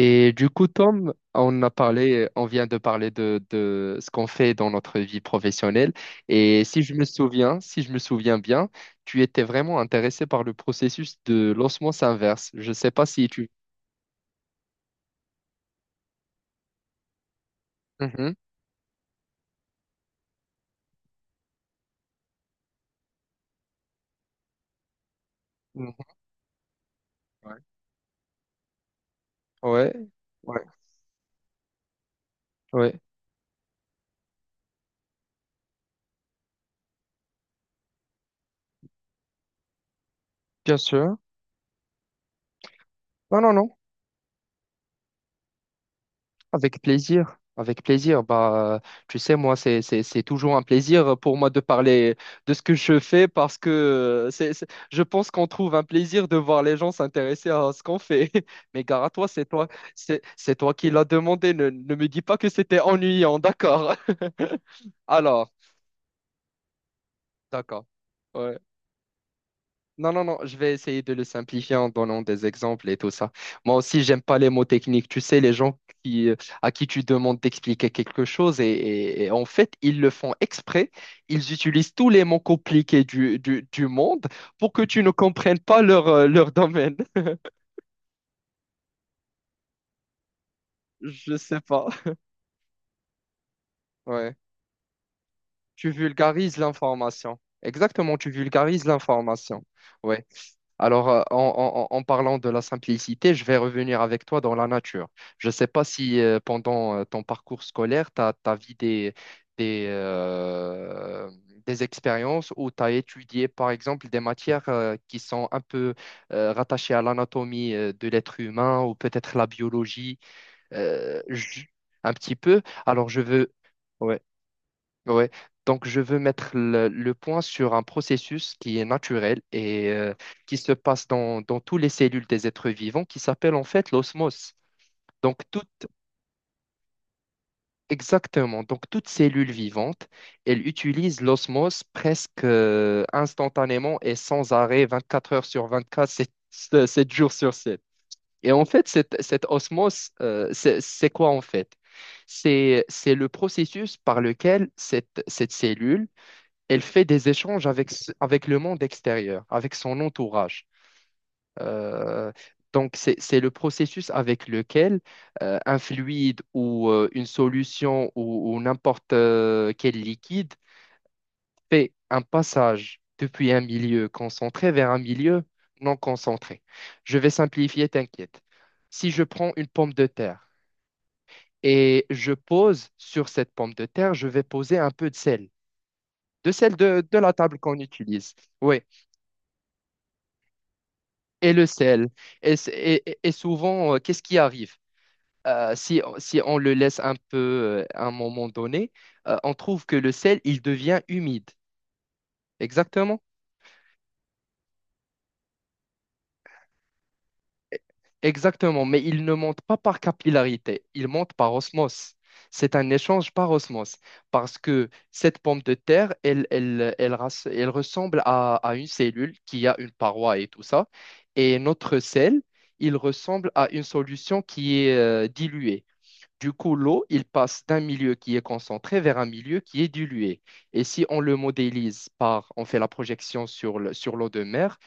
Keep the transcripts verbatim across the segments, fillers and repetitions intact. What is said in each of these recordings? Et du coup, Tom, on a parlé, on vient de parler de, de ce qu'on fait dans notre vie professionnelle. Et si je me souviens, si je me souviens bien, tu étais vraiment intéressé par le processus de l'osmose inverse. Je ne sais pas si tu... Mhm, mhm. Ouais, ouais, ouais, bien sûr. Non, non, non. Avec plaisir, avec plaisir. Bah, euh, tu sais, moi, c'est, c'est, c'est toujours un plaisir pour moi de parler de ce que je fais parce que euh, c'est, c'est- je pense qu'on trouve un plaisir de voir les gens s'intéresser à ce qu'on fait. Mais gare à toi, c'est toi, c'est, c'est toi qui l'as demandé. Ne, ne me dis pas que c'était ennuyant, d'accord? Alors, d'accord. Ouais. Non, non, non, je vais essayer de le simplifier en donnant des exemples et tout ça. Moi aussi, j'aime pas les mots techniques. Tu sais, les gens qui, euh, à qui tu demandes d'expliquer quelque chose et, et- et en fait, ils le font exprès. Ils utilisent tous les mots compliqués du, du, du monde pour que tu ne comprennes pas leur, euh, leur domaine. Je sais pas. Ouais. Tu vulgarises l'information. Exactement, tu vulgarises l'information. Ouais. Alors, euh, en, en- en- en parlant de la simplicité, je vais revenir avec toi dans la nature. Je ne sais pas si euh, pendant euh, ton parcours scolaire, tu as vu des, des, euh, des expériences où tu as étudié, par exemple, des matières euh, qui sont un peu euh, rattachées à l'anatomie euh, de l'être humain ou peut-être la biologie, euh, j- un petit peu. Alors, je veux... Ouais. Ouais. Donc, je veux mettre le, le point sur un processus qui est naturel et euh, qui se passe dans, dans toutes les cellules des êtres vivants, qui s'appelle en fait l'osmose. Donc, tout, exactement. Donc, toute cellule vivante, elle utilise l'osmose presque euh, instantanément et sans arrêt, vingt-quatre heures sur vingt-quatre, sept sept jours sur sept. Et en fait, cette, cette osmose, euh, c'est c'est quoi en fait? C'est c'est le processus par lequel cette, cette cellule elle fait des échanges avec, ce- avec le monde extérieur, avec son entourage. Euh, donc, c'est, c'est le processus avec lequel euh, un fluide ou euh, une solution ou, ou n'importe euh, quel liquide fait un passage depuis un milieu concentré vers un milieu non concentré. Je vais simplifier, t'inquiète. Si je prends une pomme de terre et je pose sur cette pomme de terre, je vais poser un peu de sel, de sel de, de la table qu'on utilise. Oui, et le sel. Et, s- et- et- et- souvent, euh, qu'est-ce qui arrive? Euh, si, on- si on le laisse un peu euh, à un moment donné, euh, on trouve que le sel, il devient humide. Exactement. E- Exactement. Mais il ne monte pas par capillarité, il monte par osmose. C'est un échange par osmose. Parce que cette pomme de terre, elle, elle, elle, ras- elle ressemble à, à une cellule qui a une paroi et tout ça. Et notre sel, il ressemble à une solution qui est euh, diluée. Du coup, l'eau, il passe d'un milieu qui est concentré vers un milieu qui est dilué. Et si on le modélise par, on fait la projection sur le- sur l'eau de mer,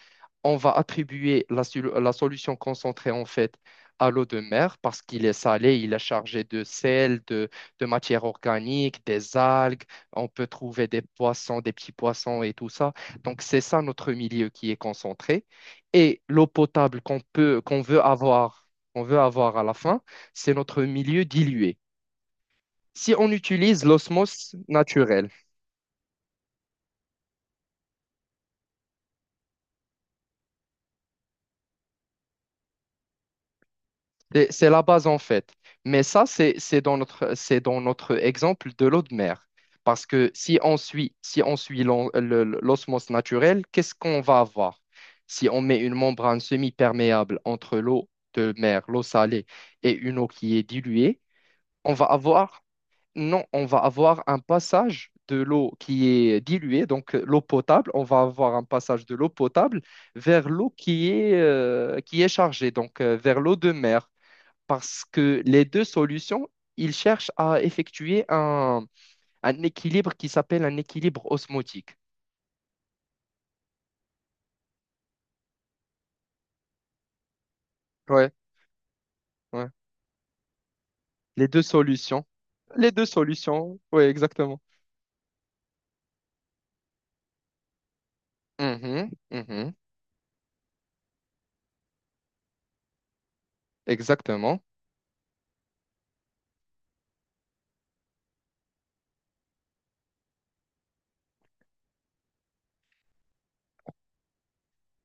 on va attribuer la, sol- la solution concentrée en fait à l'eau de mer parce qu'il est salé, il est chargé de sel, de, de matière organique, des algues, on peut trouver des poissons, des petits poissons et tout ça. Donc c'est ça notre milieu qui est concentré. Et l'eau potable qu'on peut, qu'on veut avoir, qu'on veut avoir à la fin, c'est notre milieu dilué. Si on utilise l'osmose naturelle, C'est c'est la base en fait. Mais ça, c'est c'est dans notre, c'est dans notre exemple de l'eau de mer. Parce que si on suit, si on suit l'on- le- le- l'osmose naturelle, qu'est-ce qu'on va avoir? Si on met une membrane semi-perméable entre l'eau de mer, l'eau salée, et une eau qui est diluée, on va avoir, non, on va avoir un passage de l'eau qui est diluée, donc euh, l'eau potable, on va avoir un passage de l'eau potable vers l'eau qui est, euh, qui est chargée, donc euh, vers l'eau de mer parce que les deux solutions, ils cherchent à effectuer un, un équilibre qui s'appelle un équilibre osmotique. Ouais, ouais. Les deux solutions. Les deux solutions, oui, exactement. Mhm, mhm, exactement.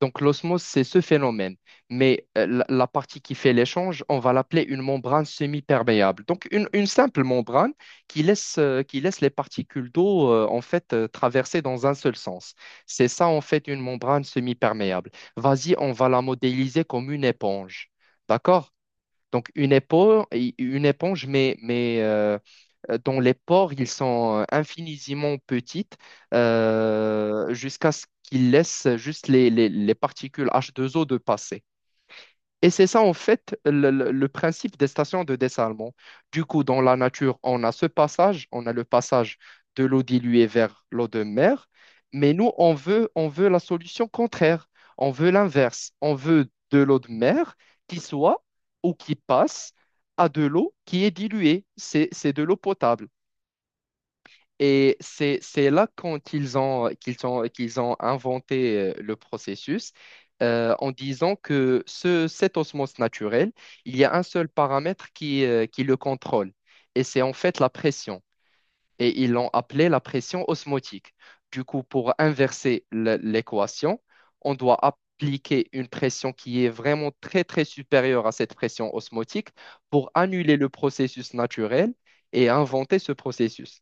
Donc l'osmose, c'est ce phénomène. Mais euh, la, la partie qui fait l'échange, on va l'appeler une membrane semi-perméable. Donc une, une simple membrane qui laisse, euh, qui laisse les particules d'eau euh, en fait euh, traverser dans un seul sens. C'est ça en fait une membrane semi-perméable. Vas-y, on va la modéliser comme une éponge. D'accord? Donc, une éponge, une éponge mais, mais euh, euh, dont les pores ils sont euh, infiniment petites euh, jusqu'à ce qu'ils laissent juste les, les- les particules ache deux o de passer. Et c'est ça, en fait, le, le- le principe des stations de dessalement. Du coup, dans la nature, on a ce passage, on a le passage de l'eau diluée vers l'eau de mer, mais nous, on veut, on veut la solution contraire, on veut l'inverse, on veut de l'eau de mer qui soit ou qui passe à de l'eau qui est diluée, c'est, c'est de l'eau potable. Et c'est, c'est là quand ils ont, qu'ils ont, qu'ils ont inventé euh, le processus euh, en disant que ce, cette osmose naturelle, il y a un seul paramètre qui, euh, qui le contrôle, et c'est en fait la pression. Et ils l'ont appelé la pression osmotique. Du coup, pour inverser l- l'équation, on doit appliquer une pression qui est vraiment très, très supérieure à cette pression osmotique pour annuler le processus naturel et inventer ce processus.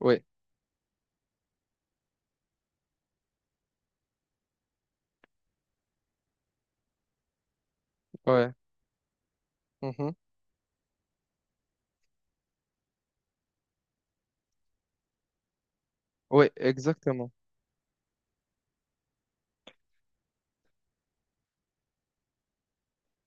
Oui, ouais. Mhm. Oui, exactement.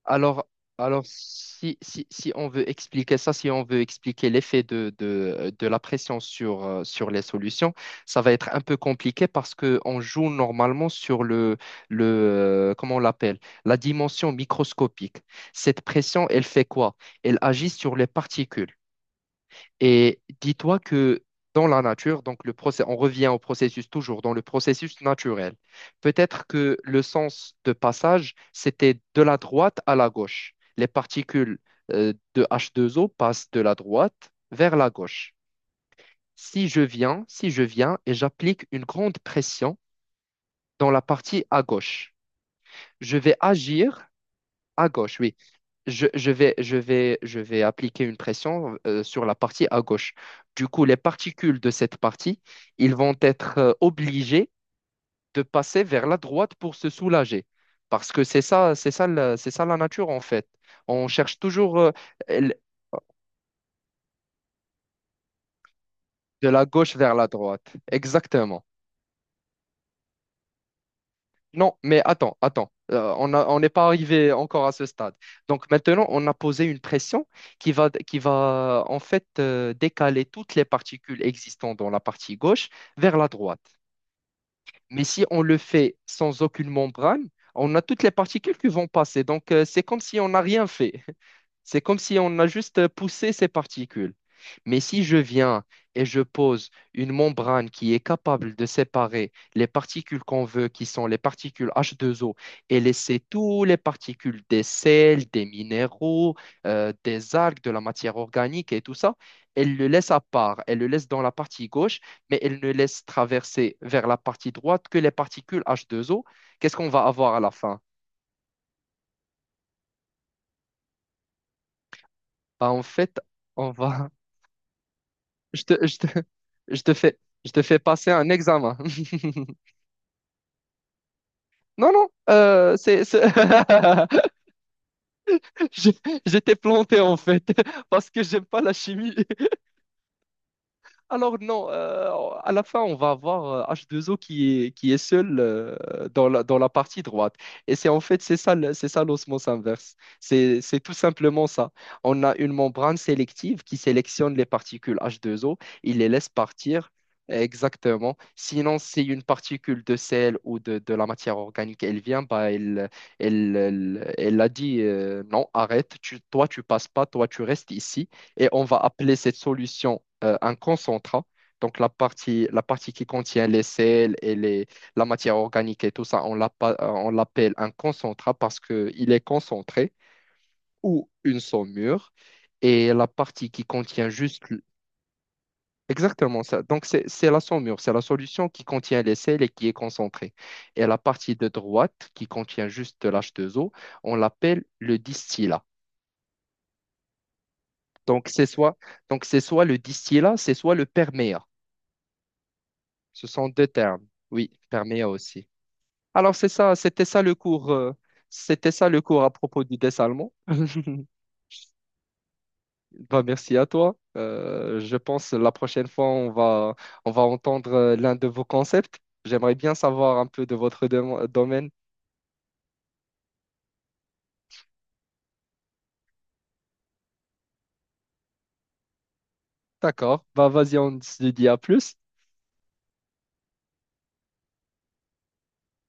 Alors, alors si, si, si on veut expliquer ça, si on veut expliquer l'effet de, de, de la pression sur, euh, sur les solutions, ça va être un peu compliqué parce qu'on joue normalement sur le, le euh, comment on l'appelle, la dimension microscopique. Cette pression, elle fait quoi? Elle agit sur les particules. Et dis-toi que dans la nature, donc le procé- on revient au processus toujours, dans le processus naturel. Peut-être que le sens de passage, c'était de la droite à la gauche. Les particules euh, de ache deux o passent de la droite vers la gauche. Si je viens, si je viens et j'applique une grande pression dans la partie à gauche, je vais agir à gauche, oui. je, je vais, je vais, je vais appliquer une pression euh, sur la partie à gauche. Du coup, les particules de cette partie, ils vont être euh, obligés de passer vers la droite pour se soulager. Parce que c'est ça, c'est ça, la- c'est ça la nature en fait. On cherche toujours euh, l- de la gauche vers la droite. Exactement. Non, mais attends, attends. Euh, on a- on n'est pas arrivé encore à ce stade. Donc maintenant, on a posé une pression qui va, qui va en fait euh, décaler toutes les particules existantes dans la partie gauche vers la droite. Mais si on le fait sans aucune membrane, on a toutes les particules qui vont passer. Donc euh, c'est comme si on n'a rien fait. C'est comme si on a juste poussé ces particules. Mais si je viens et je pose une membrane qui est capable de séparer les particules qu'on veut, qui sont les particules ache deux o, et laisser toutes les particules des sels, des minéraux, euh, des algues, de la matière organique et tout ça, elle le laisse à part, elle le laisse dans la partie gauche, mais elle ne laisse traverser vers la partie droite que les particules ache deux o, qu'est-ce qu'on va avoir à la fin? Bah, en fait, on va je te, je te, je te fais, je te fais passer un examen. Non, non, euh, c'est, c'est- Je- J'étais planté en fait, parce que j'aime pas la chimie. Alors non, euh, à la fin, on va avoir euh, ache deux o qui est, qui est seul euh, dans la, dans la partie droite. Et c'est en fait, c'est ça, le- c'est ça l'osmose inverse. C'est, c'est tout simplement ça. On a une membrane sélective qui sélectionne les particules ache deux o, il les laisse partir. Exactement. Sinon, si une particule de sel ou de, de la matière organique, elle vient, bah, elle, elle, elle, elle a dit euh, non, arrête, tu, toi, tu passes pas, toi, tu restes ici. Et on va appeler cette solution euh, un concentrat. Donc la partie, la partie qui contient les sels et les, la matière organique et tout ça, on l'appa- euh, on l'appelle un concentrat parce qu'il est concentré ou une saumure. Et la partie qui contient juste... l- Exactement ça. Donc c'est c'est la saumure, c'est la solution qui contient les sels et qui est concentrée. Et la partie de droite qui contient juste de l'ache deux o, on l'appelle le distillat. Donc c'est soit, donc c'est soit le distillat, c'est soit le perméat. Ce sont deux termes. Oui, perméa aussi. Alors, c'est ça, c'était ça le cours, euh, c'était ça le cours à propos du dessalement. Bah, merci à toi. Euh, je pense la prochaine fois, on va, on va entendre euh, l'un de vos concepts. J'aimerais bien savoir un peu de votre dom- domaine. D'accord. Bah, vas-y, on se dit à plus.